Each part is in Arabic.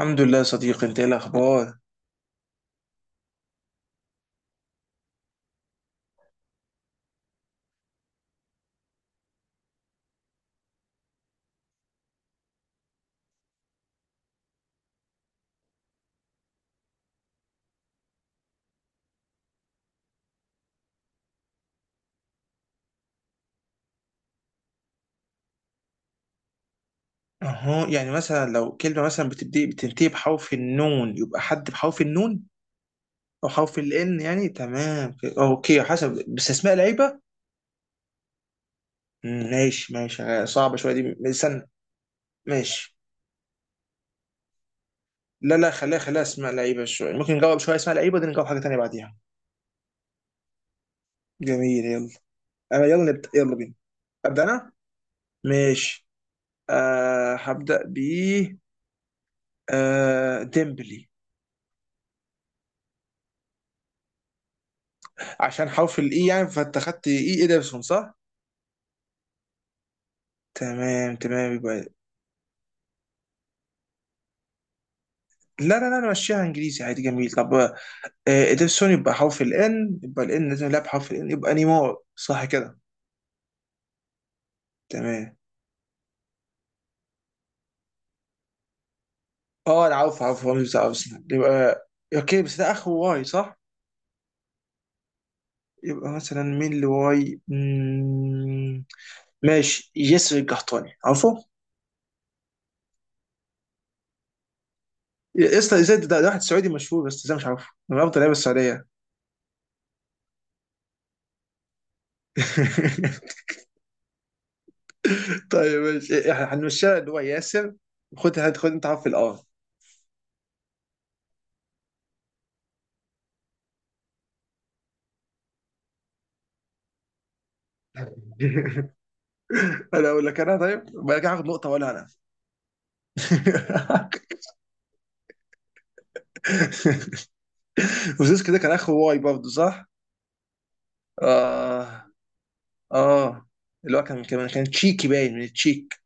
الحمد لله يا صديقي، انت ايه الاخبار؟ اهو يعني مثلا لو كلمه مثلا بتبدي بتنتهي بحرف النون، يبقى حد بحرف النون او حرف الان. يعني تمام، اوكي، حسب بس اسماء لعيبه. ماشي ماشي، صعبه شويه دي، استنى. ماشي، لا لا خليها خليها اسماء لعيبه شويه، ممكن نجاوب شويه اسماء لعيبه دي، نجاوب حاجه تانيه بعديها. جميل، يلا. انا يلا نبدأ، يلا بينا. ابدا انا. ماشي. هبدا ب، ديمبلي. عشان حرف الاي يعني، فانت خدت اي ادرسون، صح؟ تمام تمام، يبقى لا لا لا، انا ماشيها انجليزي عادي. جميل، طب. ادرسون يبقى حرف الان، يبقى الان لازم يلعب حرف الان، يبقى نيمار، صح كده؟ تمام. اه، انا عارف عارف، هو مش بتاع ارسنال. يبقى اوكي، بس ده اخر واي، صح؟ يبقى مثلا مين اللي واي؟ ماشي، ياسر القحطاني، عارفه؟ يسطا، ازاي ده واحد سعودي مشهور، بس ازاي مش عارفه؟ من افضل لعيبه السعوديه. طيب ماشي، احنا هنمشيها اللي هو ياسر. خد خد، انت عارف الار. انا اقول لك انا، طيب ما انا هاخد نقطه، ولا انا؟ وزيز كده، كان اخو واي برضه، صح؟ اه اه، اللي هو كان تشيكي، باين من التشيك.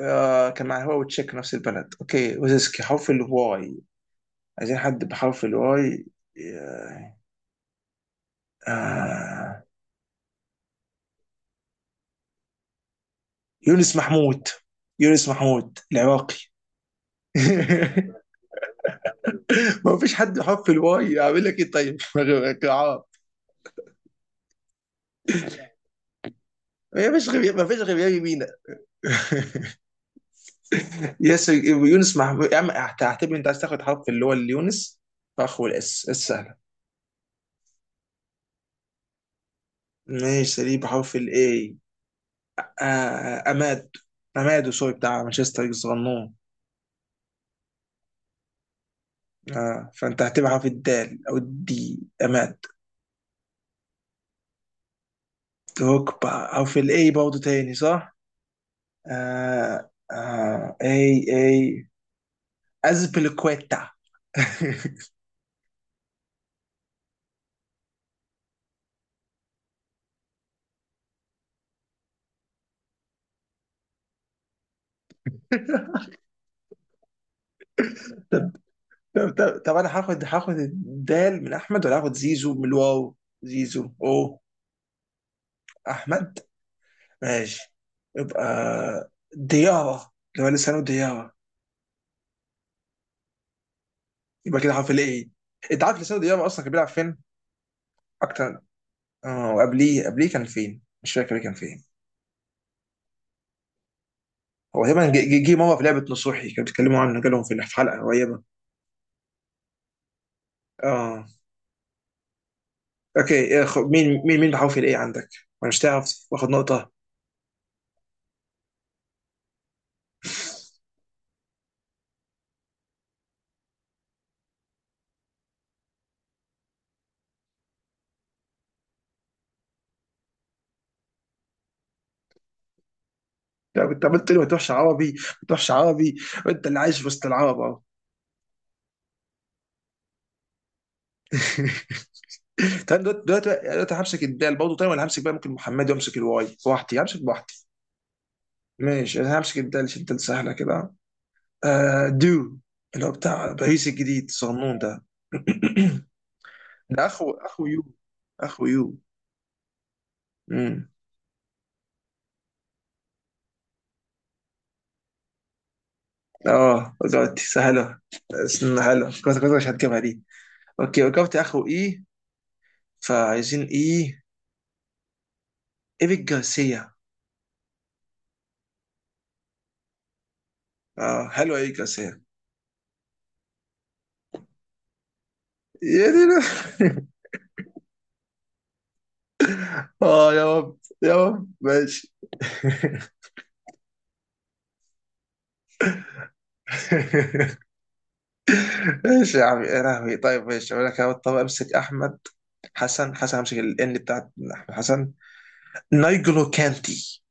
آه، كان مع هو وتشيك نفس البلد. اوكي، وزيسكي حرف الواي. عايزين حد بحرف الواي. آه آه. يونس محمود، يونس محمود العراقي. ما فيش حد بحرف الواي، اعمل لك ايه طيب؟ ما فيش غير يمينة. يونس، مع يا عم هتعتبر، انت عايز تاخد حرف اللي هو اليونس، فاخو الاس السهله. ماشي، سليم بحرف الاي. اماد، اماد سوري بتاع مانشستر الصغنون. اه، فانت هتبقى حرف الدال او الدي، اماد. دروكبا حرف الاي برضه تاني، صح؟ آه آه، اي اي، ازبلكويتا. طب طب طب طب، انا هاخد الدال من احمد، ولا هاخد زيزو من الواو؟ زيزو، اوه. احمد. ماشي، يبقى ديارة، اللي هو لسانه ديارة. يبقى كده حرف الايه. انت عارف لسانه ديارة اصلا كان بيلعب فين؟ اكتر. اه، وقبليه كان فين؟ مش فاكر كان فين. هو تقريبا جه مره في لعبه نصوحي، كانوا بيتكلموا عنه، جالهم في الحلقه قريبه. اه. اوكي مين بحرف الايه عندك؟ وانا مش تعرف واخد نقطه. لا، كنت عملت لي ما تروحش عربي، ما تروحش عربي، وانت اللي عايش في وسط العرب اهو. طيب، دلوقتي همسك الدال برضه، طيب، ولا همسك بقى ممكن محمد، وامسك الواي براحتي، همسك براحتي. ماشي، انا همسك الدال عشان الدال سهله كده. دو، اللي هو بتاع باريس الجديد، صنون ده. ده اخو يو، اخو يو. امم اه، دلوقتي سهله. سهله، كنت مش هتجيبها دي. اوكي، وقفت اخو اي، فعايزين اي، ايريك جارسيا. اه حلو، ايريك جارسيا. يا دي. اه، يا رب يا رب، ماشي. ايش يا عمي، يا لهوي. طيب ماشي، اقول لك أهو. طب امسك احمد حسن همسك الان بتاعت احمد حسن. نايجلو كانتي.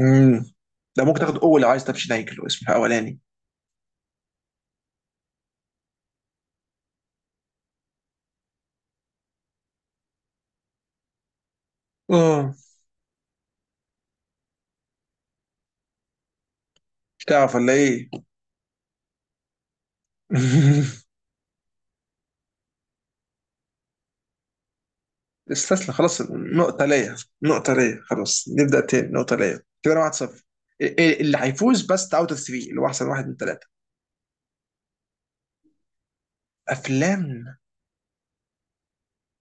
امم ده ممكن تاخد اول لو عايز، تمشي نايجلو اسمه اولاني. اه. تعرف ولا ايه؟ استسلم، خلاص، نقطة ليا، نقطة ليا، خلاص نبدأ تاني، نقطة ليا، كده انا 1-0. اللي هيفوز بس اوت اوف 3، اللي هو احسن واحد من ثلاثة. افلام.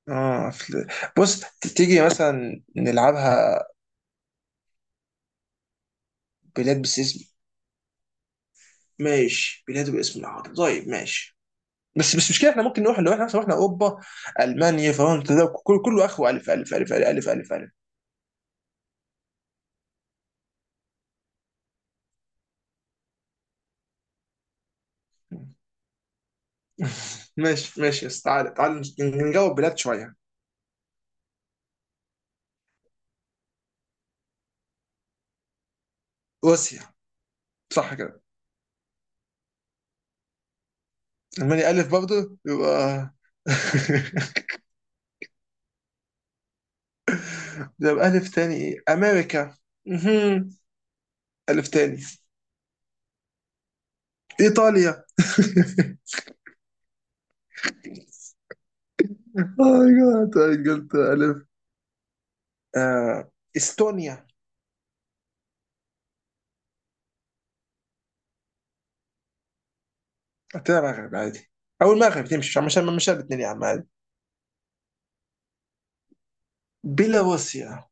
اه، أفلام. بص، تيجي مثلا نلعبها بلاد بس. ماشي، بلاد باسم العرب، طيب ماشي. بس مش كده، احنا ممكن نروح لو احنا مثلا رحنا اوروبا، المانيا، فرنسا، ده كل كله اخره الف الف الف الف الف الف, ألف. ماشي ماشي، بس تعالى تعالى نجاوب بلاد شويه. روسيا. صح كده. المانيا الف برضه، يبقى. ده يبقى الف تاني، ايه، امريكا. مهم. الف تاني، ايطاليا. ماي جاد، قلت الف. آه، استونيا. قلت لها مغرب عادي، او المغرب تمشي، عشان مش الاثنين يا عم عادي. بيلاروسيا.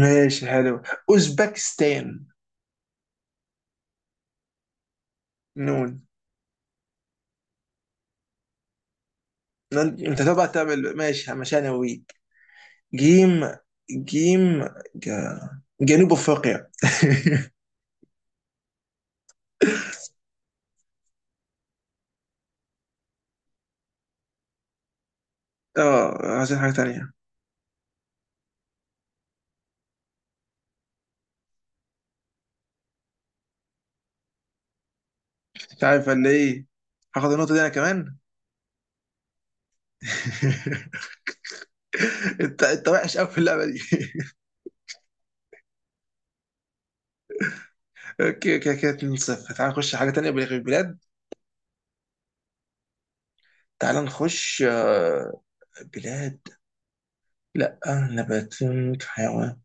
ماشي حلو، اوزبكستان. نون. انت تبقى تعمل ماشي عشان اوريك. جيم، جيم، ج- جنوب افريقيا. اه، عايزين حاجه تانية. مش عارف ولا ايه؟ هاخد النقطه دي انا كمان. انت وحش قوي في اللعبه دي. اوكي، كده كده 2-0. تعال نخش حاجه تانية، بلغ البلاد. تعال نخش. بلاد، لا، نبات، حيوان.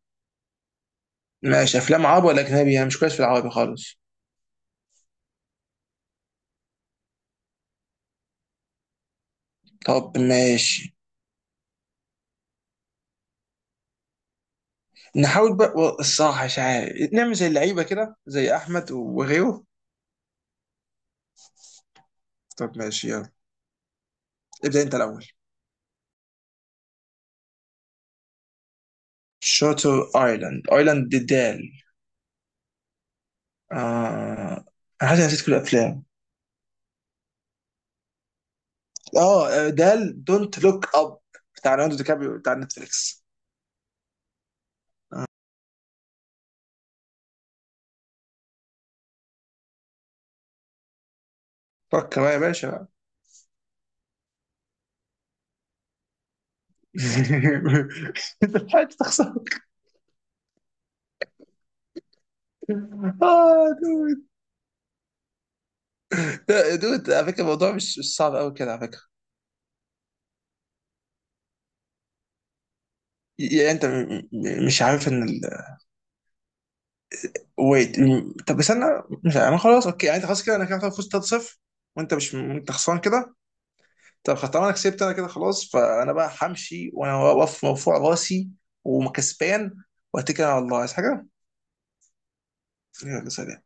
ماشي، افلام عربي ولا اجنبي؟ انا مش كويس في العربي خالص. طب ماشي، نحاول بقى. الصراحة مش عارف نعمل زي اللعيبة كده زي أحمد وغيره. طب ماشي يلا، ابدأ أنت الأول. شاتر ايلاند. ايلاند دي دال. آه... انا حاسس إني نسيت كل الافلام. دال، دونت لوك اب، بتاع ليوناردو دي كابريو، بتاع نتفليكس. فكر بقى يا باشا. انت لحقت تخسر. اه، دود. دود، على فكره الموضوع مش صعب قوي كده على فكره. يعني انت مش عارف ان، ويت، طب استنى، مش انا خلاص. اوكي، يعني انت خلاص كده، انا كده فزت 3-0، وانت مش انت خسران كده. طب خلاص، طالما انا كسبت، انا كده خلاص، فانا بقى همشي وانا واقف مرفوع راسي وكسبان، واتكل على الله. عايز حاجه؟ يلا سلام.